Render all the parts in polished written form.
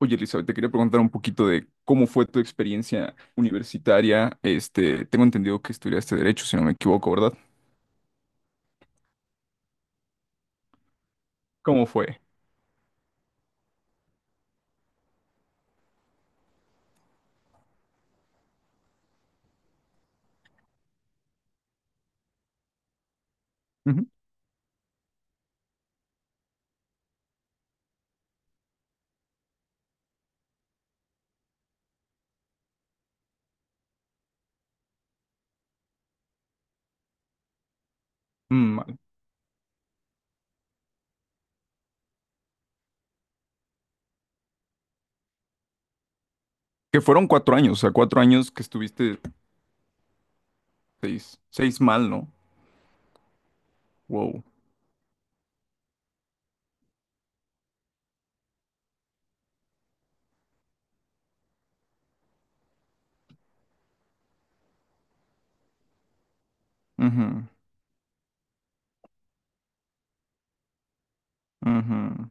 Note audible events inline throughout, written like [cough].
Oye, Elizabeth, te quería preguntar un poquito de cómo fue tu experiencia universitaria. Tengo entendido que estudiaste Derecho, si no me equivoco, ¿verdad? ¿Cómo fue? Ujú. Mm, vale. Que fueron cuatro años, o sea, cuatro años que estuviste seis, seis mal, ¿no? Wow. Ujú, ujú.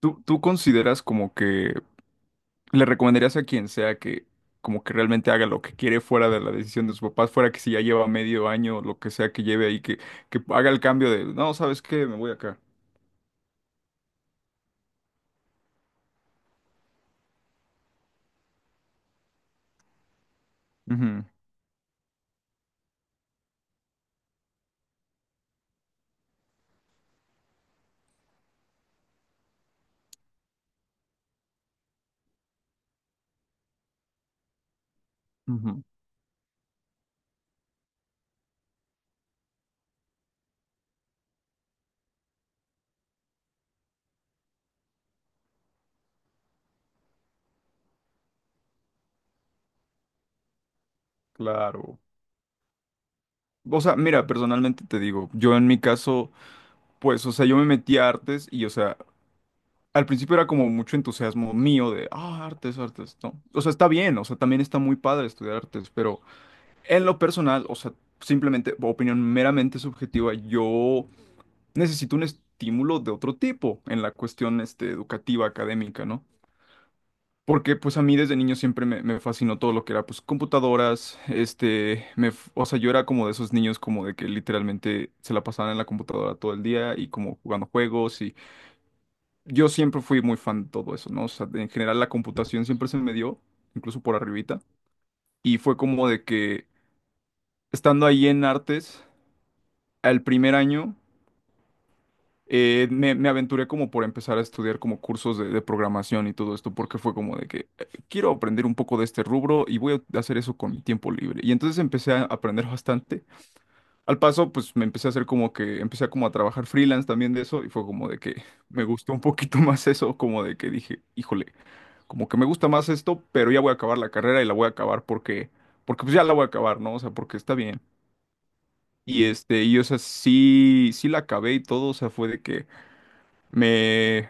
¿Tú consideras como que le recomendarías a quien sea que como que realmente haga lo que quiere fuera de la decisión de sus papás, fuera que si ya lleva medio año, lo que sea que lleve ahí, que haga el cambio de, no, ¿sabes qué? Me voy acá. Ujú, ujú. Claro. O sea, mira, personalmente te digo, yo en mi caso, pues, o sea, yo me metí a artes y, o sea, al principio era como mucho entusiasmo mío de, ah, artes, artes, no. O sea, está bien, o sea, también está muy padre estudiar artes, pero en lo personal, o sea, simplemente, opinión meramente subjetiva, yo necesito un estímulo de otro tipo en la cuestión, educativa, académica, ¿no? Porque pues a mí desde niño siempre me fascinó todo lo que era pues computadoras, o sea, yo era como de esos niños como de que literalmente se la pasaban en la computadora todo el día y como jugando juegos y yo siempre fui muy fan de todo eso, ¿no? O sea, en general la computación siempre se me dio, incluso por arribita, y fue como de que estando ahí en artes, al primer año me aventuré como por empezar a estudiar como cursos de programación y todo esto, porque fue como de que quiero aprender un poco de este rubro y voy a hacer eso con mi tiempo libre. Y entonces empecé a aprender bastante. Al paso, pues me empecé a hacer como que, empecé a como a trabajar freelance también de eso y fue como de que [laughs] me gustó un poquito [laughs] más eso, como de que dije, híjole, como que me gusta más esto, pero ya voy a acabar la carrera y la voy a acabar porque, porque pues ya la voy a acabar, ¿no? O sea, porque está bien. Y y o sea, sí, sí la acabé y todo, o sea, fue de que me...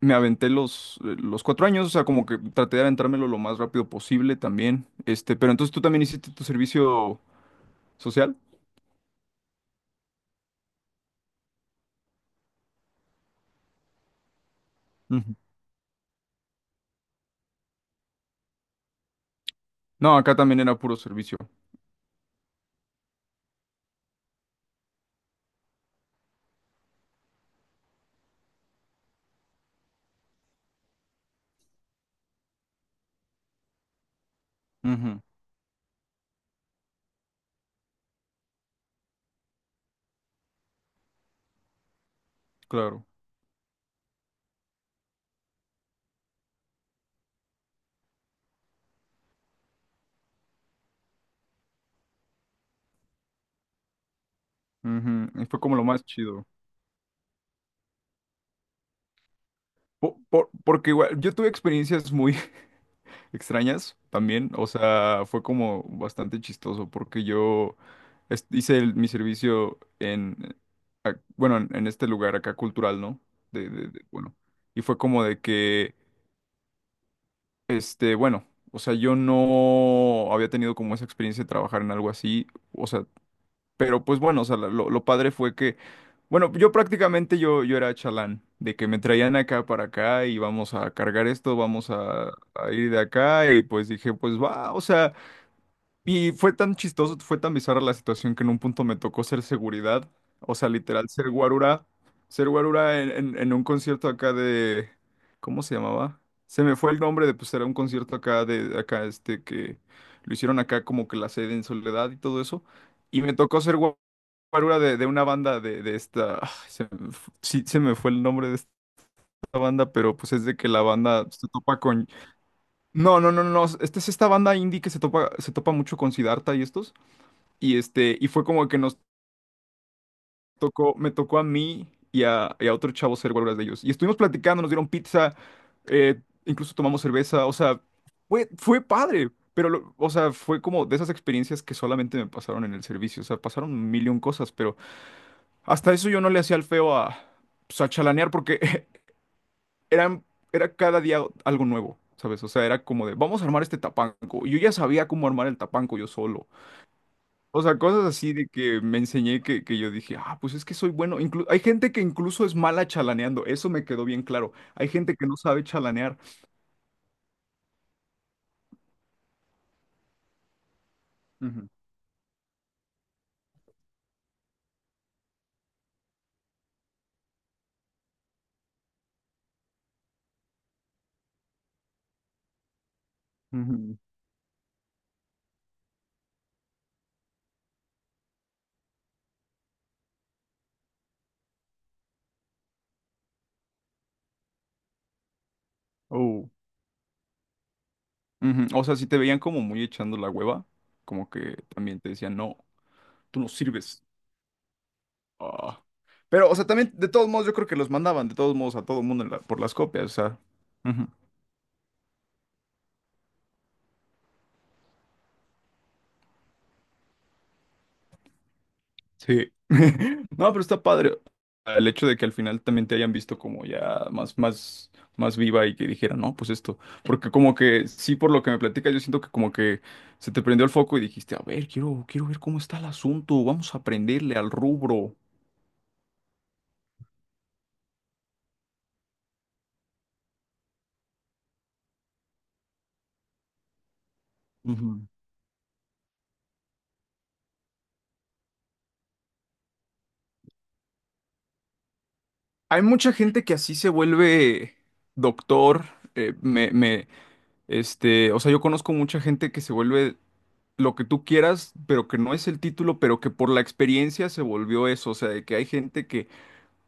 Me aventé los cuatro años, o sea, como que traté de aventármelo lo más rápido posible también. Pero entonces tú también hiciste tu servicio social. Ujú. No, acá también era puro servicio. Ujú, claro. Ujú, y fue como lo más chido. Porque igual, yo tuve experiencias muy [laughs] extrañas también. O sea, fue como bastante chistoso porque yo hice mi servicio en, bueno, en este lugar acá cultural, ¿no? Bueno. Y fue como de que bueno, o sea, yo no había tenido como esa experiencia de trabajar en algo así, o sea, pero pues bueno, o sea, lo padre fue que, bueno, yo prácticamente yo era chalán, de que me traían acá para acá y vamos a cargar esto, vamos a ir de acá y pues dije, pues va, o sea, y fue tan chistoso, fue tan bizarra la situación que en un punto me tocó ser seguridad, o sea, literal, ser guarura en, en un concierto acá de, ¿cómo se llamaba? Se me fue el nombre de, pues era un concierto acá de, acá que lo hicieron acá como que la sede en Soledad y todo eso, y me tocó guarura de una banda de esta, ay, sí, se me fue el nombre de esta banda, pero pues es de que la banda se topa con, no, no, no, no, no, esta es esta banda indie que se topa mucho con Siddhartha y estos. Y y fue como que me tocó a mí y a otro chavo ser huelgas de ellos. Y estuvimos platicando, nos dieron pizza, incluso tomamos cerveza, o sea, fue, fue padre, pero, o sea, fue como de esas experiencias que solamente me pasaron en el servicio, o sea, pasaron un millón cosas, pero hasta eso yo no le hacía el feo a, pues, a chalanear porque [laughs] eran, era cada día algo nuevo, ¿sabes? O sea, era como de, vamos a armar este tapanco. Yo ya sabía cómo armar el tapanco yo solo. O sea, cosas así de que me enseñé que yo dije, ah, pues es que soy bueno. Hay gente que incluso es mala chalaneando, eso me quedó bien claro. Hay gente que no sabe chalanear. Ujú, ujú, oh, ujú. O sea, si te veían como muy echando la hueva, como que también te decían, no, tú no sirves. Ah. Pero, o sea, también, de todos modos, yo creo que los mandaban, de todos modos, a todo mundo en por las copias, o sea. Sí. [laughs] No, pero está padre. El hecho de que al final también te hayan visto como ya más, más, más viva y que dijeran, no, pues esto. Porque como que, sí, por lo que me platicas, yo siento que como que se te prendió el foco y dijiste, a ver, quiero, quiero ver cómo está el asunto, vamos a aprenderle al rubro. Ujú. Hay mucha gente que así se vuelve doctor. eh, me, me, o sea, yo conozco mucha gente que se vuelve lo que tú quieras, pero que no es el título, pero que por la experiencia se volvió eso, o sea, de que hay gente que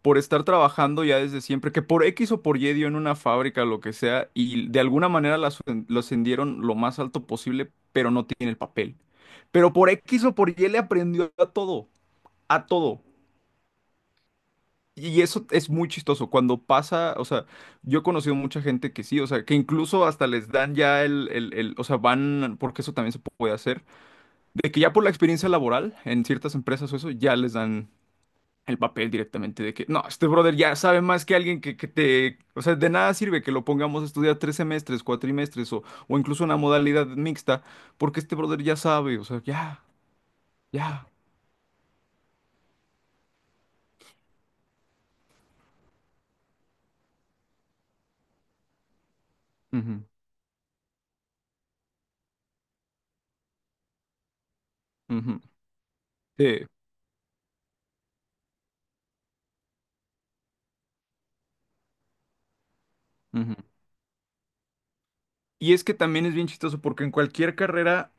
por estar trabajando ya desde siempre, que por X o por Y dio en una fábrica, lo que sea, y de alguna manera lo ascendieron lo más alto posible, pero no tiene el papel. Pero por X o por Y le aprendió a todo, a todo. Y eso es muy chistoso. Cuando pasa, o sea, yo he conocido mucha gente que sí, o sea, que incluso hasta les dan ya el, o sea, van, porque eso también se puede hacer de que ya por la experiencia laboral en ciertas empresas o eso, ya les dan el papel directamente de que, no, este brother ya sabe más que alguien que te... O sea, de nada sirve que lo pongamos a estudiar tres semestres, cuatrimestres o incluso una modalidad mixta, porque este brother ya sabe, o sea, ya, ya. Ujú, ujú, sí, ujú. Y es que también es bien chistoso porque en cualquier carrera,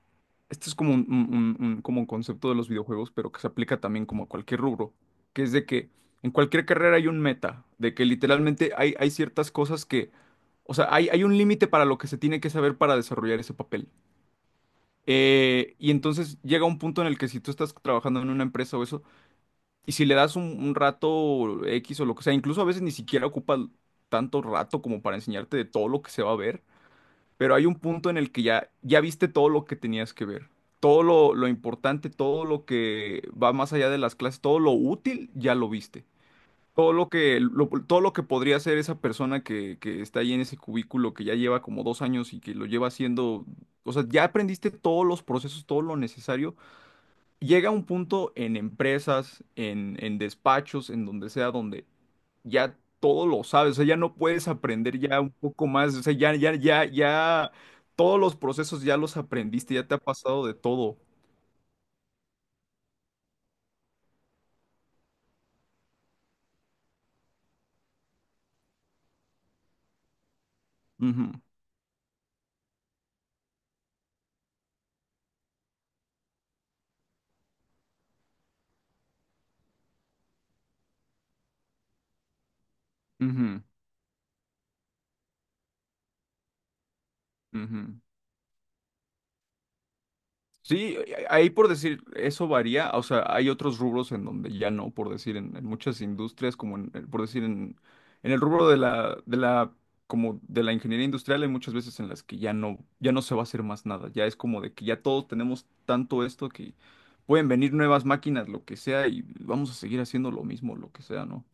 esto es como un, como un concepto de los videojuegos, pero que se aplica también como a cualquier rubro, que es de que en cualquier carrera hay un meta, de que literalmente hay, hay ciertas cosas que, o sea, hay un límite para lo que se tiene que saber para desarrollar ese papel. Y entonces llega un punto en el que si tú estás trabajando en una empresa o eso, y si le das un rato X o lo que sea, incluso a veces ni siquiera ocupa tanto rato como para enseñarte de todo lo que se va a ver pero hay un punto en el que ya, ya viste todo lo que tenías que ver. Todo lo importante, todo lo que va más allá de las clases, todo lo útil, ya lo viste. Todo lo que, todo lo que podría hacer esa persona que está ahí en ese cubículo, que ya lleva como dos años y que lo lleva haciendo, o sea, ya aprendiste todos los procesos, todo lo necesario. Llega un punto en empresas, en despachos, en donde sea, donde ya todo lo sabes, o sea, ya no puedes aprender ya un poco más, o sea, ya, ya, ya, ya, todos los procesos ya los aprendiste, ya te ha pasado de todo. Ujú, ujú, ujú. Sí, ahí por decir, eso varía, o sea, hay otros rubros en donde ya no, por decir, en muchas industrias, como en, por decir, en el rubro de la, como de la ingeniería industrial, hay muchas veces en las que ya no, ya no se va a hacer más nada, ya es como de que ya todos tenemos tanto esto que pueden venir nuevas máquinas, lo que sea, y vamos a seguir haciendo lo mismo, lo que sea, ¿no?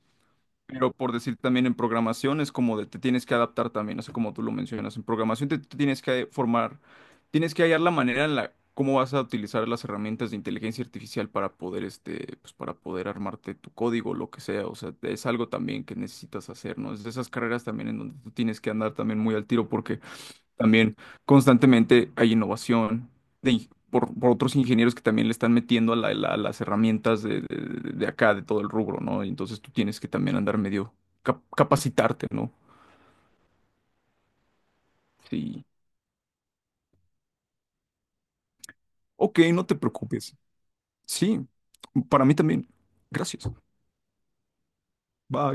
Pero por decir también en programación es como de te tienes que adaptar también, así como tú lo mencionas. En programación te tienes que formar, tienes que hallar la manera en la cómo vas a utilizar las herramientas de inteligencia artificial para poder pues para poder armarte tu código, lo que sea. O sea, es algo también que necesitas hacer, ¿no? Es de esas carreras también en donde tú tienes que andar también muy al tiro porque también constantemente hay innovación de por otros ingenieros que también le están metiendo a, las herramientas de, de acá, de todo el rubro, ¿no? Y entonces tú tienes que también andar medio capacitarte, ¿no? Sí. Ok, no te preocupes. Sí, para mí también. Gracias. Bye.